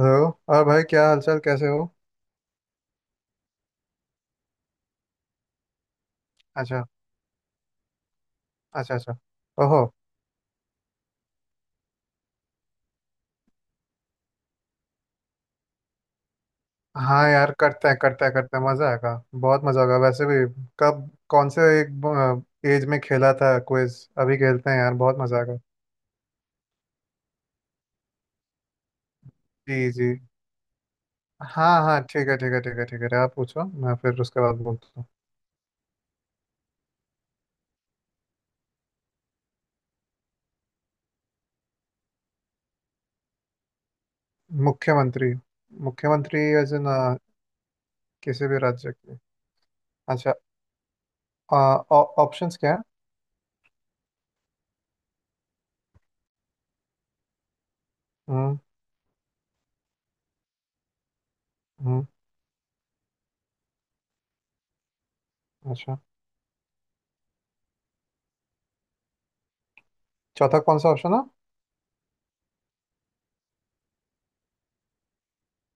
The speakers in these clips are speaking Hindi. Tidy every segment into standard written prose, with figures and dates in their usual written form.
हेलो। और भाई क्या हालचाल कैसे हो? अच्छा अच्छा। अच्छा। ओहो। हाँ यार करते हैं करते हैं करते हैं। मज़ा आएगा। बहुत मज़ा होगा वैसे भी। कब? कौन से एक एज में खेला था क्विज? अभी खेलते हैं यार बहुत मज़ा आएगा। जी जी। हाँ हाँ ठीक है ठीक है ठीक है ठीक है। आप पूछो मैं फिर उसके बाद बोलता हूँ। मुख्यमंत्री। मुख्यमंत्री एज इन? किसी भी राज्य के? अच्छा। ऑप्शंस क्या है? हम्म। हम्म। अच्छा। चौथा कौन सा ऑप्शन है?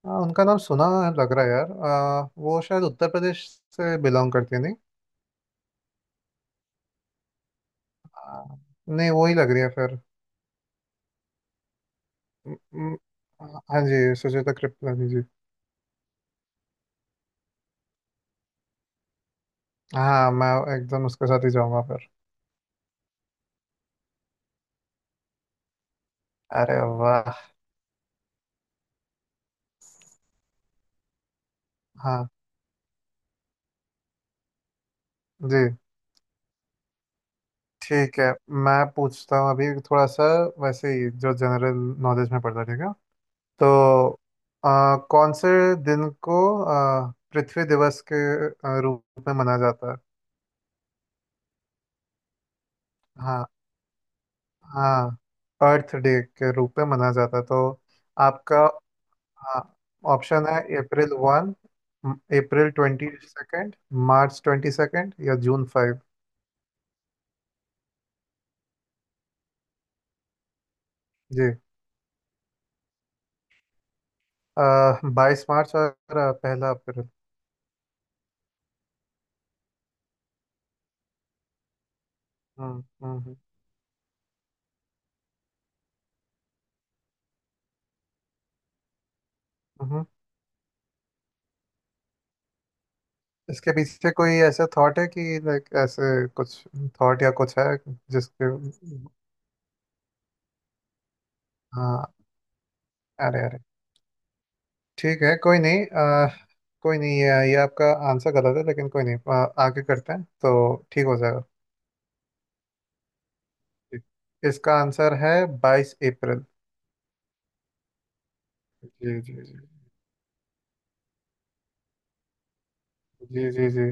हाँ उनका नाम सुना। लग रहा है यार, वो शायद उत्तर प्रदेश से बिलोंग करती है, नहीं? आ, नहीं, वो ही लग रही है फिर। म- म- हाँ जी, सुजाता कृपलानी जी। हाँ मैं एकदम उसके साथ ही जाऊंगा फिर। अरे वाह। हाँ। जी। ठीक है मैं पूछता हूँ अभी थोड़ा सा वैसे ही जो जनरल नॉलेज में पड़ता है ठीक है। तो कौन से दिन को पृथ्वी दिवस के रूप में मनाया जाता है? हाँ हाँ, अर्थ डे के रूप में मनाया जाता है। तो आपका ऑप्शन है 1 22 अप्रैल, 22 मार्च या 5 जून। जी। 22 मार्च और पहला अप्रैल। हम्म हम्म हम्म। हम्म। इसके पीछे कोई ऐसा थॉट है कि लाइक ऐसे कुछ थॉट या कुछ है जिसके? हाँ। अरे अरे। ठीक है कोई नहीं। कोई नहीं, ये आपका आंसर गलत है, लेकिन कोई नहीं, आगे करते हैं तो ठीक हो जाएगा। इसका आंसर है 22 अप्रैल। जी जी जी। जी जी जी।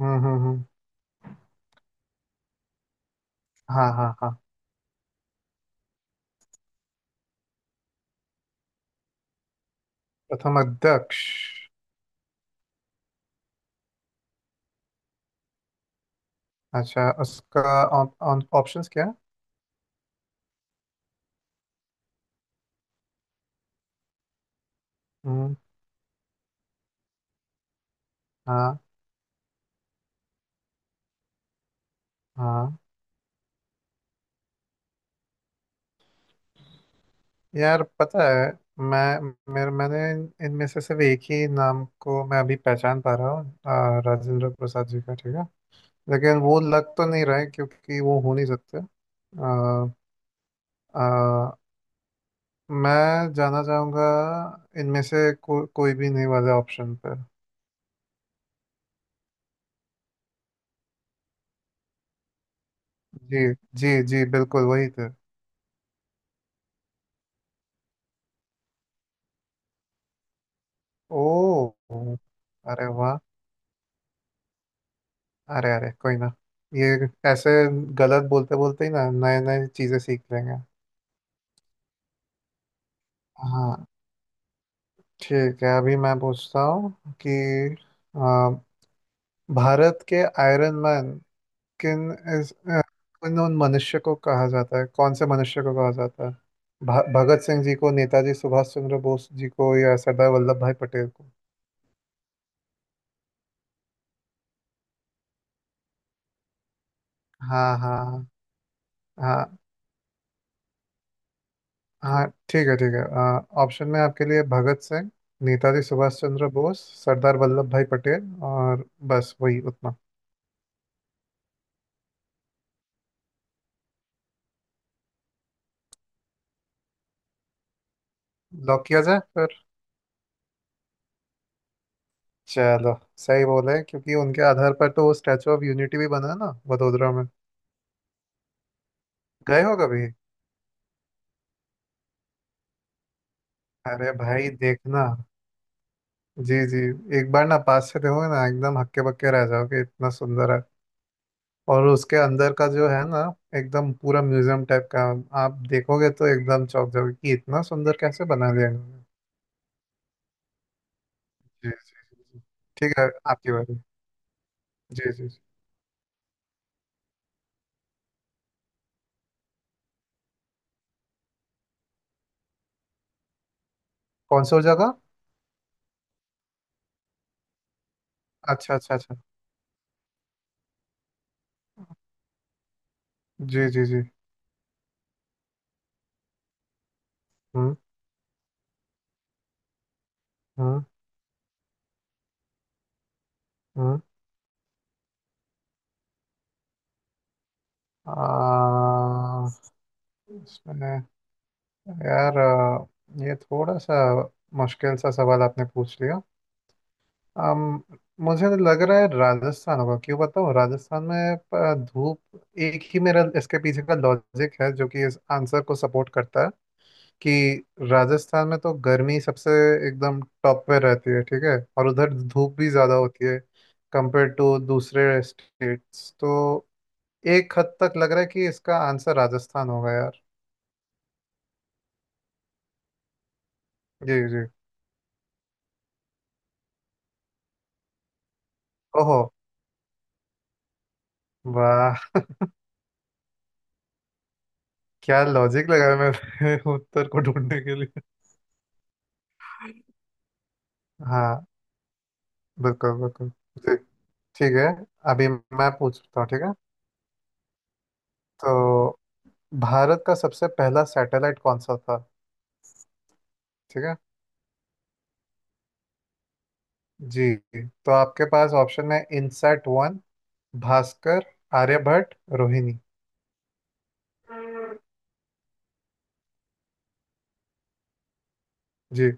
हम्म। हाँ हाँ हाँ। प्रथम अध्यक्ष? अच्छा, उसका ऑप्शंस क्या है? हम्म। हाँ हाँ। यार पता है, मैं मैंने इनमें से सिर्फ एक ही नाम को मैं अभी पहचान पा रहा हूँ, राजेंद्र प्रसाद जी का, ठीक है। लेकिन वो लग तो नहीं रहे क्योंकि वो हो नहीं सकते। आ, आ, मैं जाना चाहूँगा इनमें से कोई भी नहीं वाले ऑप्शन पर। जी। जी जी बिल्कुल वही थे। ओ। अरे वाह। अरे अरे कोई ना। ये ऐसे गलत बोलते बोलते ही ना नए नए चीज़ें सीख लेंगे। हाँ ठीक है, अभी मैं पूछता हूँ कि आ, भारत के आयरन मैन किन इस उन उन मनुष्य को कहा जाता है, कौन से मनुष्य को कहा जाता है? भगत सिंह जी को, नेताजी सुभाष चंद्र बोस जी को या सरदार वल्लभ भाई पटेल को? हाँ हाँ। हाँ हाँ ठीक है ठीक है, ऑप्शन में आपके लिए भगत सिंह, नेताजी सुभाष चंद्र बोस, सरदार वल्लभ भाई पटेल और बस वही उतना। लॉक किया जाए फिर। चलो सही बोले, क्योंकि उनके आधार पर तो वो स्टैचू ऑफ यूनिटी भी बना है ना, वडोदरा में। गए हो कभी? अरे भाई देखना। जी जी। एक बार ना पास से देखोगे ना, एकदम हक्के बक्के रह जाओगे, इतना सुंदर है। और उसके अंदर का जो है ना, एकदम पूरा म्यूजियम टाइप का, आप देखोगे तो एकदम चौंक जाओगे कि इतना सुंदर कैसे बना दिया इन्होंने। जी जी। जी ठीक है आपकी बारी। जी जी जी। कौन सा जगह? अच्छा अच्छा अच्छा। जी जी जी। हम्म हम्म हम्म। आ, इसमें, यार ये थोड़ा सा मुश्किल सा सवाल आपने पूछ लिया। अम, मुझे लग रहा है राजस्थान होगा। क्यों बताऊँ? राजस्थान में धूप, एक ही मेरा इसके पीछे का लॉजिक है जो कि इस आंसर को सपोर्ट करता है कि राजस्थान में तो गर्मी सबसे एकदम टॉप पे रहती है, ठीक है, और उधर धूप भी ज़्यादा होती है कंपेयर टू दूसरे स्टेट्स, तो एक हद तक लग रहा है कि इसका आंसर राजस्थान होगा यार। जी जी। ओहो। वाह, क्या लॉजिक लगाया मैं उत्तर को ढूंढने के लिए। हाँ। बिल्कुल बिल्कुल। ठीक है, अभी मैं पूछता हूँ, ठीक है। तो भारत का सबसे पहला सैटेलाइट कौन सा था? ठीक है। जी, तो आपके पास ऑप्शन है इनसैट 1, भास्कर, आर्यभट्ट, रोहिणी। जी।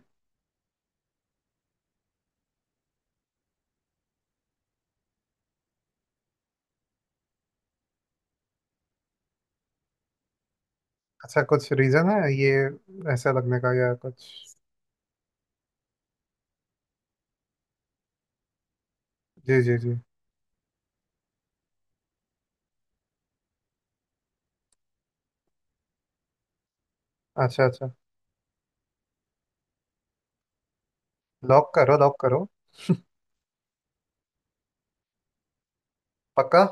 अच्छा, कुछ रीजन है ये ऐसा लगने का या कुछ? जी जी जी। अच्छा अच्छा। लॉक करो लॉक करो। पक्का?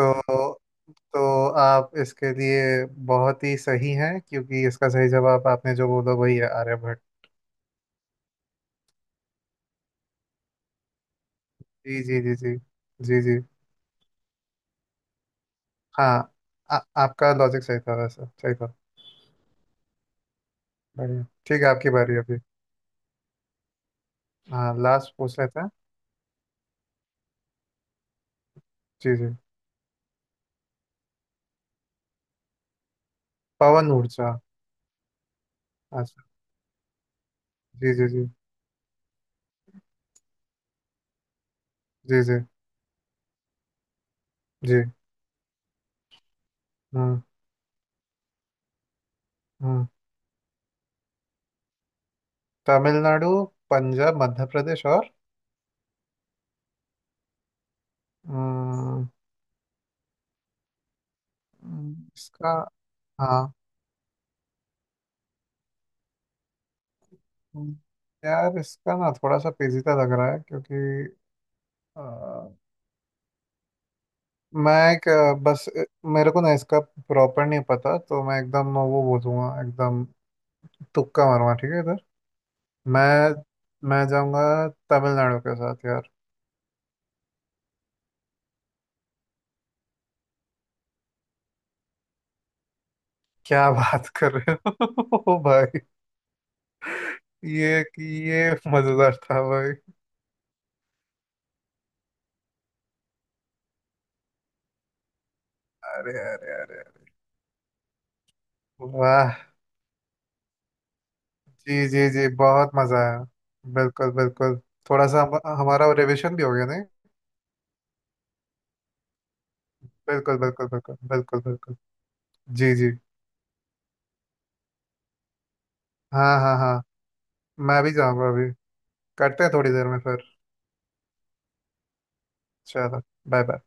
तो तो आप इसके लिए बहुत ही सही हैं, क्योंकि इसका सही जवाब आपने जो बोला वही है, आर्यभट्ट। जी जी जी जी। जी जी। हाँ, आ, आपका लॉजिक सही था, वैसे सही था। बढ़िया, ठीक है, आपकी बारी अभी। हाँ लास्ट पूछ लेते हैं। जी जी। पवन ऊर्जा? अच्छा। जी जी। जी जी जी जी। हम्म हम्म। तमिलनाडु, पंजाब, मध्य प्रदेश और? हम्म। इसका... हाँ। हम्म, यार इसका ना थोड़ा सा पेचीदा लग रहा है, क्योंकि अ, मैं एक मेरे को ना इसका प्रॉपर नहीं पता, तो मैं एकदम वो बोलूँगा, एकदम तुक्का मारूंगा, ठीक है। मैं मैं जाऊंगा तमिलनाडु के साथ यार। क्या बात कर रहे हो ओ भाई। ये ये मजेदार था भाई। अरे अरे अरे। वाह। जी जी जी बहुत मजा आया। बिल्कुल बिल्कुल। थोड़ा सा हमारा रिविजन भी हो गया, नहीं? बिल्कुल बिल्कुल बिल्कुल बिल्कुल बिल्कुल। जी जी। हाँ हाँ हाँ। मैं भी जाऊंगा अभी। करते हैं थोड़ी देर में फिर। चलो। Bye bye.